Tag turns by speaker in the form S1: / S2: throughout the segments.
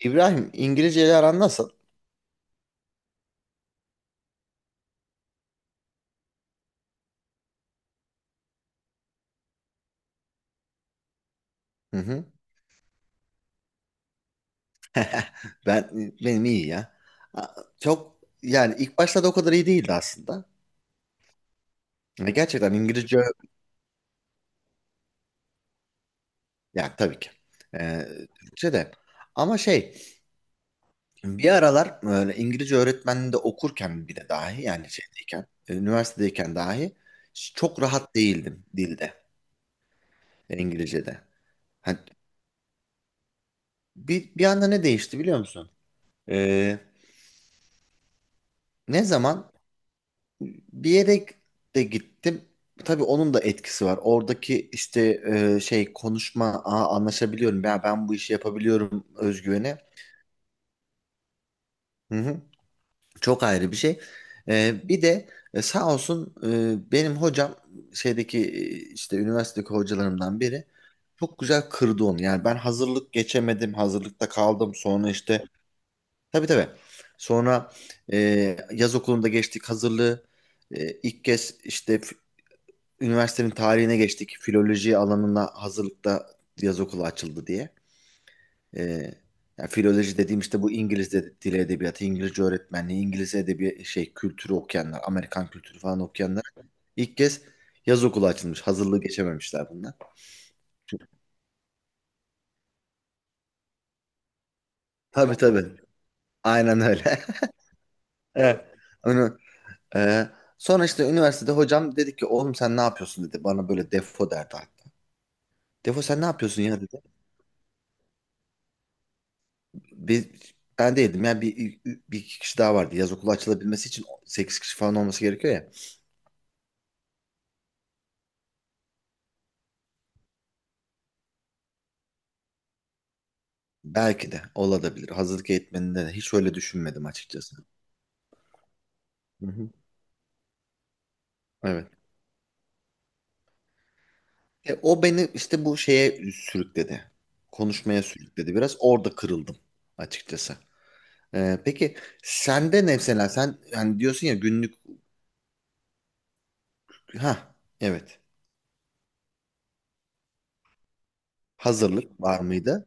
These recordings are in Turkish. S1: İbrahim, İngilizce ile aran nasıl? Hı hı. Ben benim iyi ya. Çok, yani ilk başlarda o kadar iyi değildi aslında. Ya Gerçekten İngilizce Ya, tabii ki. Ee, Türkçe de. Ama şey, bir aralar böyle İngilizce öğretmenliğinde okurken bile, dahi yani şeydeyken, üniversitedeyken dahi çok rahat değildim dilde, İngilizce'de. Hani bir anda ne değişti biliyor musun? Ee, Ne zaman. Bir yere de gittim. Tabii onun da etkisi var. Oradaki işte, şey, konuşma, Aa, anlaşabiliyorum, ya ben bu işi yapabiliyorum özgüveni. Hı hı. Çok ayrı bir şey. Bir de, sağ olsun, benim hocam, şeydeki e, işte üniversitedeki hocalarımdan biri çok güzel kırdı onu. Yani ben hazırlık geçemedim, hazırlıkta kaldım. Sonra işte, tabii tabii. Sonra e, yaz okulunda geçtik hazırlığı. İlk kez işte üniversitenin tarihine geçtik. Filoloji alanına hazırlıkta yaz okulu açıldı diye. Ee, Yani filoloji dediğim işte bu İngiliz dili edebiyatı, İngilizce öğretmenliği, İngiliz edebi şey kültürü okuyanlar, Amerikan kültürü falan okuyanlar ilk kez yaz okulu açılmış. Hazırlığı geçememişler bundan. Tabii tabii. Aynen öyle. Evet. Onu, e, sonra işte üniversitede hocam dedi ki, oğlum sen ne yapıyorsun dedi. Bana böyle defo derdi hatta. Defo sen ne yapıyorsun ya dedi. Biz, ben değildim. Yani bir iki kişi daha vardı. Yaz okulu açılabilmesi için 8 kişi falan olması gerekiyor ya. Belki de olabilir. Hazırlık eğitmeninde de hiç öyle düşünmedim açıkçası. Hı hı. Evet. O beni işte bu şeye sürükledi. Konuşmaya sürükledi biraz. Orada kırıldım açıkçası. Peki sende ne, mesela sen hani diyorsun ya günlük. Ha, evet. Hazırlık var mıydı?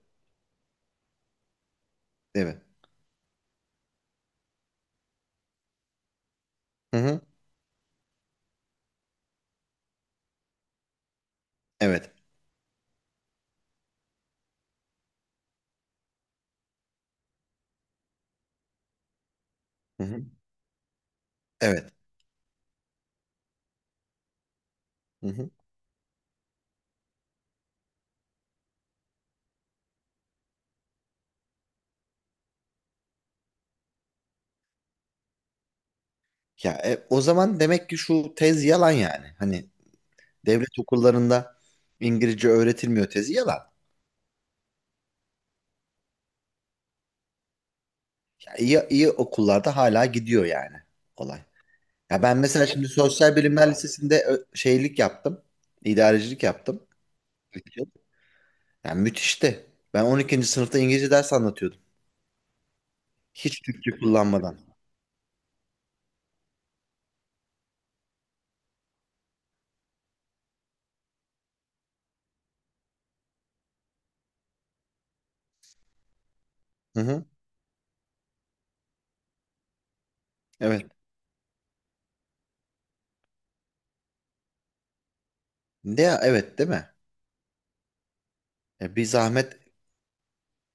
S1: Evet. Hı hı. Evet. Hı hı. Evet. Ya, o zaman demek ki şu tez yalan yani. Hani devlet okullarında İngilizce öğretilmiyor tezi yalan. Ya, iyi, iyi okullarda hala gidiyor yani olay. Ya ben mesela şimdi Sosyal Bilimler Lisesi'nde şeylik yaptım. İdarecilik yaptım. 2 yıl. Yani müthişti. Ben 12. sınıfta İngilizce ders anlatıyordum. Hiç Türkçe kullanmadan. Hı hı. Evet. Ne ya, evet değil mi? Bir zahmet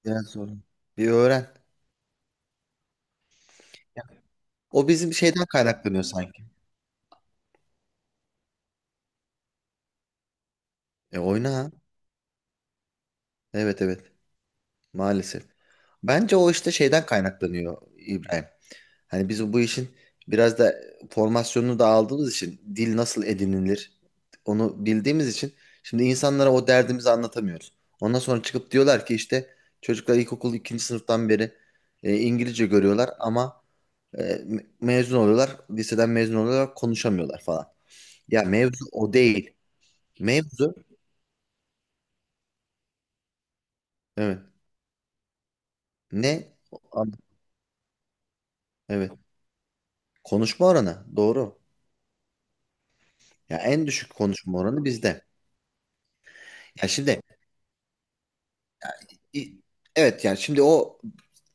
S1: biraz zor. Bir öğren. O bizim şeyden kaynaklanıyor sanki. E oyna. Evet, evet. Maalesef. Bence o işte şeyden kaynaklanıyor, İbrahim. Hani biz bu işin biraz da formasyonunu da aldığımız için, dil nasıl edinilir onu bildiğimiz için, şimdi insanlara o derdimizi anlatamıyoruz. Ondan sonra çıkıp diyorlar ki işte, çocuklar ilkokul ikinci sınıftan beri İngilizce görüyorlar ama, e, mezun oluyorlar, liseden mezun oluyorlar, konuşamıyorlar falan. Ya mevzu o değil. Mevzu. Evet, ne? Evet. Konuşma oranı doğru. Ya en düşük konuşma oranı bizde. Ya şimdi, i- evet yani şimdi o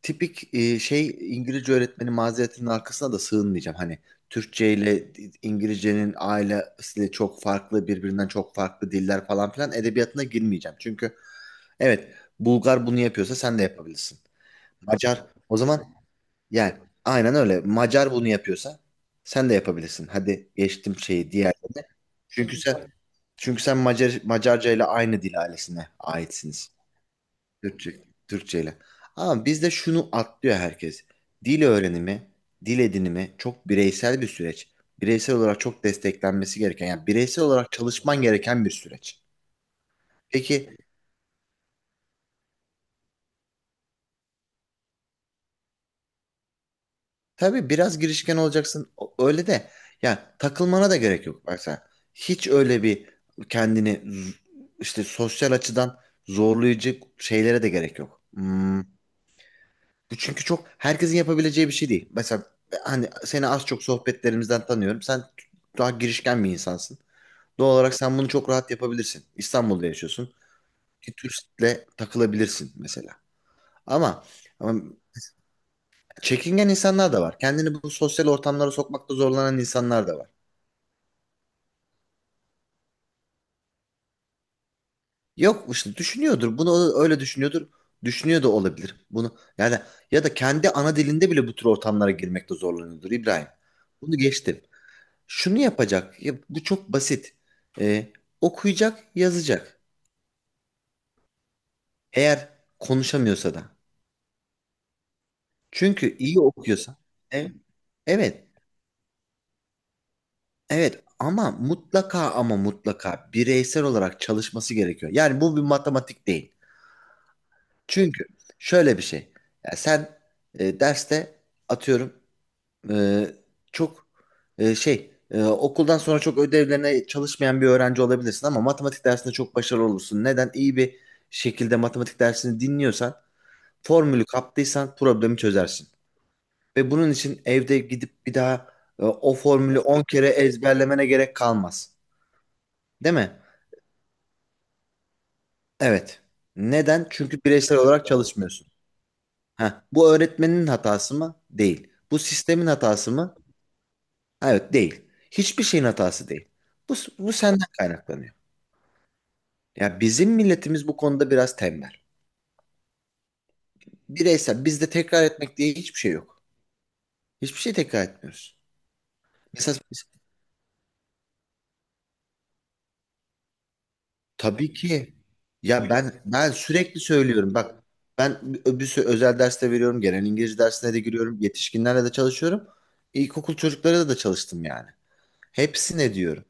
S1: tipik İngilizce öğretmeni mazeretinin arkasına da sığınmayacağım. Hani Türkçe ile İngilizcenin ailesiyle çok farklı, birbirinden çok farklı diller falan filan edebiyatına girmeyeceğim. Çünkü, evet, Bulgar bunu yapıyorsa sen de yapabilirsin. Macar o zaman, yani aynen öyle. Macar bunu yapıyorsa sen de yapabilirsin. Hadi geçtim şeyi diğerlerine. Çünkü sen Çünkü sen Macar, Macarca ile aynı dil ailesine aitsiniz. Türkçe, Türkçe ile. Ama bizde şunu atlıyor herkes. Dil öğrenimi, dil edinimi çok bireysel bir süreç. Bireysel olarak çok desteklenmesi gereken, yani bireysel olarak çalışman gereken bir süreç. Peki, tabii biraz girişken olacaksın, öyle de yani takılmana da gerek yok. Bak sen hiç öyle bir kendini işte sosyal açıdan zorlayıcı şeylere de gerek yok. Bu çünkü çok herkesin yapabileceği bir şey değil. Mesela hani seni az çok sohbetlerimizden tanıyorum. Sen daha girişken bir insansın. Doğal olarak sen bunu çok rahat yapabilirsin. İstanbul'da yaşıyorsun. Bir turistle takılabilirsin mesela. Ama, ama çekingen insanlar da var. Kendini bu sosyal ortamlara sokmakta zorlanan insanlar da var. Yok işte, düşünüyordur. Bunu öyle düşünüyordur. Düşünüyor da olabilir. Bunu yani, ya da kendi ana dilinde bile bu tür ortamlara girmekte zorlanıyordur, İbrahim. Bunu geçtim. Şunu yapacak. Ya bu çok basit. Ee, Okuyacak, yazacak. Eğer konuşamıyorsa da. Çünkü iyi okuyorsa. E- evet, evet. Ama mutlaka, ama mutlaka bireysel olarak çalışması gerekiyor. Yani bu bir matematik değil. Çünkü şöyle bir şey. Ya sen derste, atıyorum, Ee, çok e, şey e, okuldan sonra çok ödevlerine çalışmayan bir öğrenci olabilirsin ama matematik dersinde çok başarılı olursun. Neden? İyi bir şekilde matematik dersini dinliyorsan, formülü kaptıysan problemi çözersin. Ve bunun için evde gidip bir daha o formülü 10 kere ezberlemene gerek kalmaz. Değil mi? Evet. Neden? Çünkü bireysel olarak çalışmıyorsun. Heh, bu öğretmenin hatası mı? Değil. Bu sistemin hatası mı? Evet, değil. Hiçbir şeyin hatası değil. Bu senden kaynaklanıyor. Ya bizim milletimiz bu konuda biraz tembel. Bireysel, bizde tekrar etmek diye hiçbir şey yok. Hiçbir şey tekrar etmiyoruz. Mesela biz- tabii ki. Ya ben sürekli söylüyorum, bak, ben bir sürü özel derste veriyorum. Genel İngilizce dersine de giriyorum. Yetişkinlerle de çalışıyorum. İlkokul çocuklarıyla da çalıştım yani. Hepsine diyorum,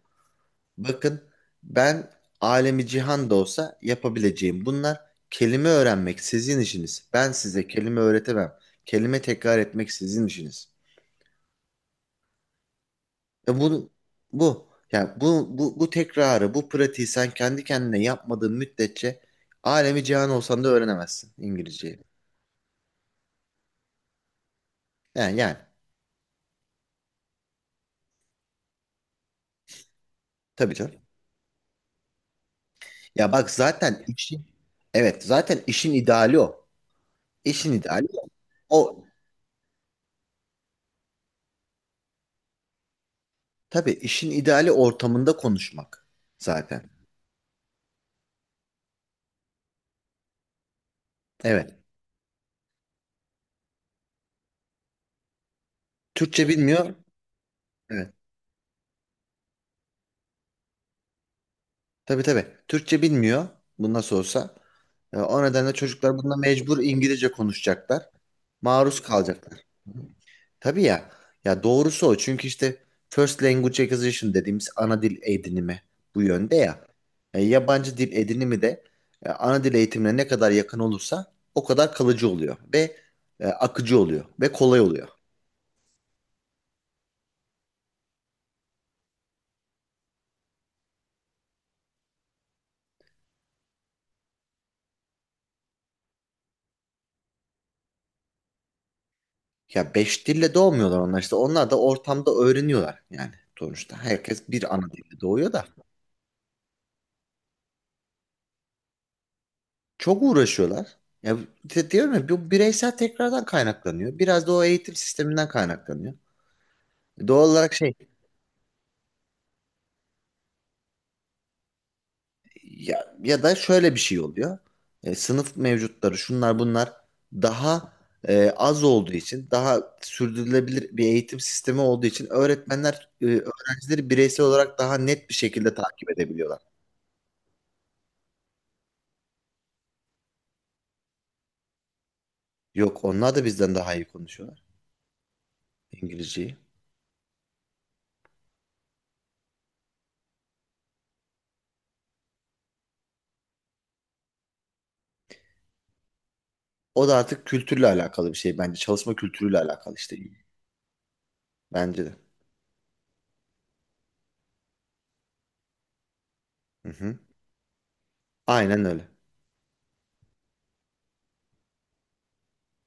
S1: bakın, ben alemi cihan da olsa yapabileceğim bunlar, kelime öğrenmek sizin işiniz. Ben size kelime öğretemem. Kelime tekrar etmek sizin işiniz. E bu bu tekrarı, bu pratiği sen kendi kendine yapmadığın müddetçe alemi cihan olsan da öğrenemezsin İngilizceyi. Yani tabii canım. Ya bak zaten işin Evet, zaten işin ideali o. İşin ideali o. O, tabii işin ideali ortamında konuşmak zaten. Evet. Türkçe bilmiyor. Evet. Tabii tabii. Türkçe bilmiyor. Bu nasıl olsa. O nedenle çocuklar bununla mecbur İngilizce konuşacaklar. Maruz kalacaklar. Tabii ya. Ya doğrusu o. Çünkü işte first language acquisition dediğimiz ana dil edinimi bu yönde ya. Yabancı dil edinimi de ana dil eğitimine ne kadar yakın olursa o kadar kalıcı oluyor ve akıcı oluyor ve kolay oluyor. Ya 5 dille doğmuyorlar onlar işte. Onlar da ortamda öğreniyorlar yani, sonuçta. Herkes bir ana dille doğuyor da. Çok uğraşıyorlar. Ya diyorum ya, bu bireysel tekrardan kaynaklanıyor. Biraz da o eğitim sisteminden kaynaklanıyor. Doğal olarak şey, ya, ya da şöyle bir şey oluyor. Sınıf mevcutları, şunlar bunlar daha az olduğu için, daha sürdürülebilir bir eğitim sistemi olduğu için öğretmenler öğrencileri bireysel olarak daha net bir şekilde takip edebiliyorlar. Yok, onlar da bizden daha iyi konuşuyorlar İngilizceyi. O da artık kültürle alakalı bir şey bence. Çalışma kültürüyle alakalı işte. Bence de. Hı hı. Aynen öyle.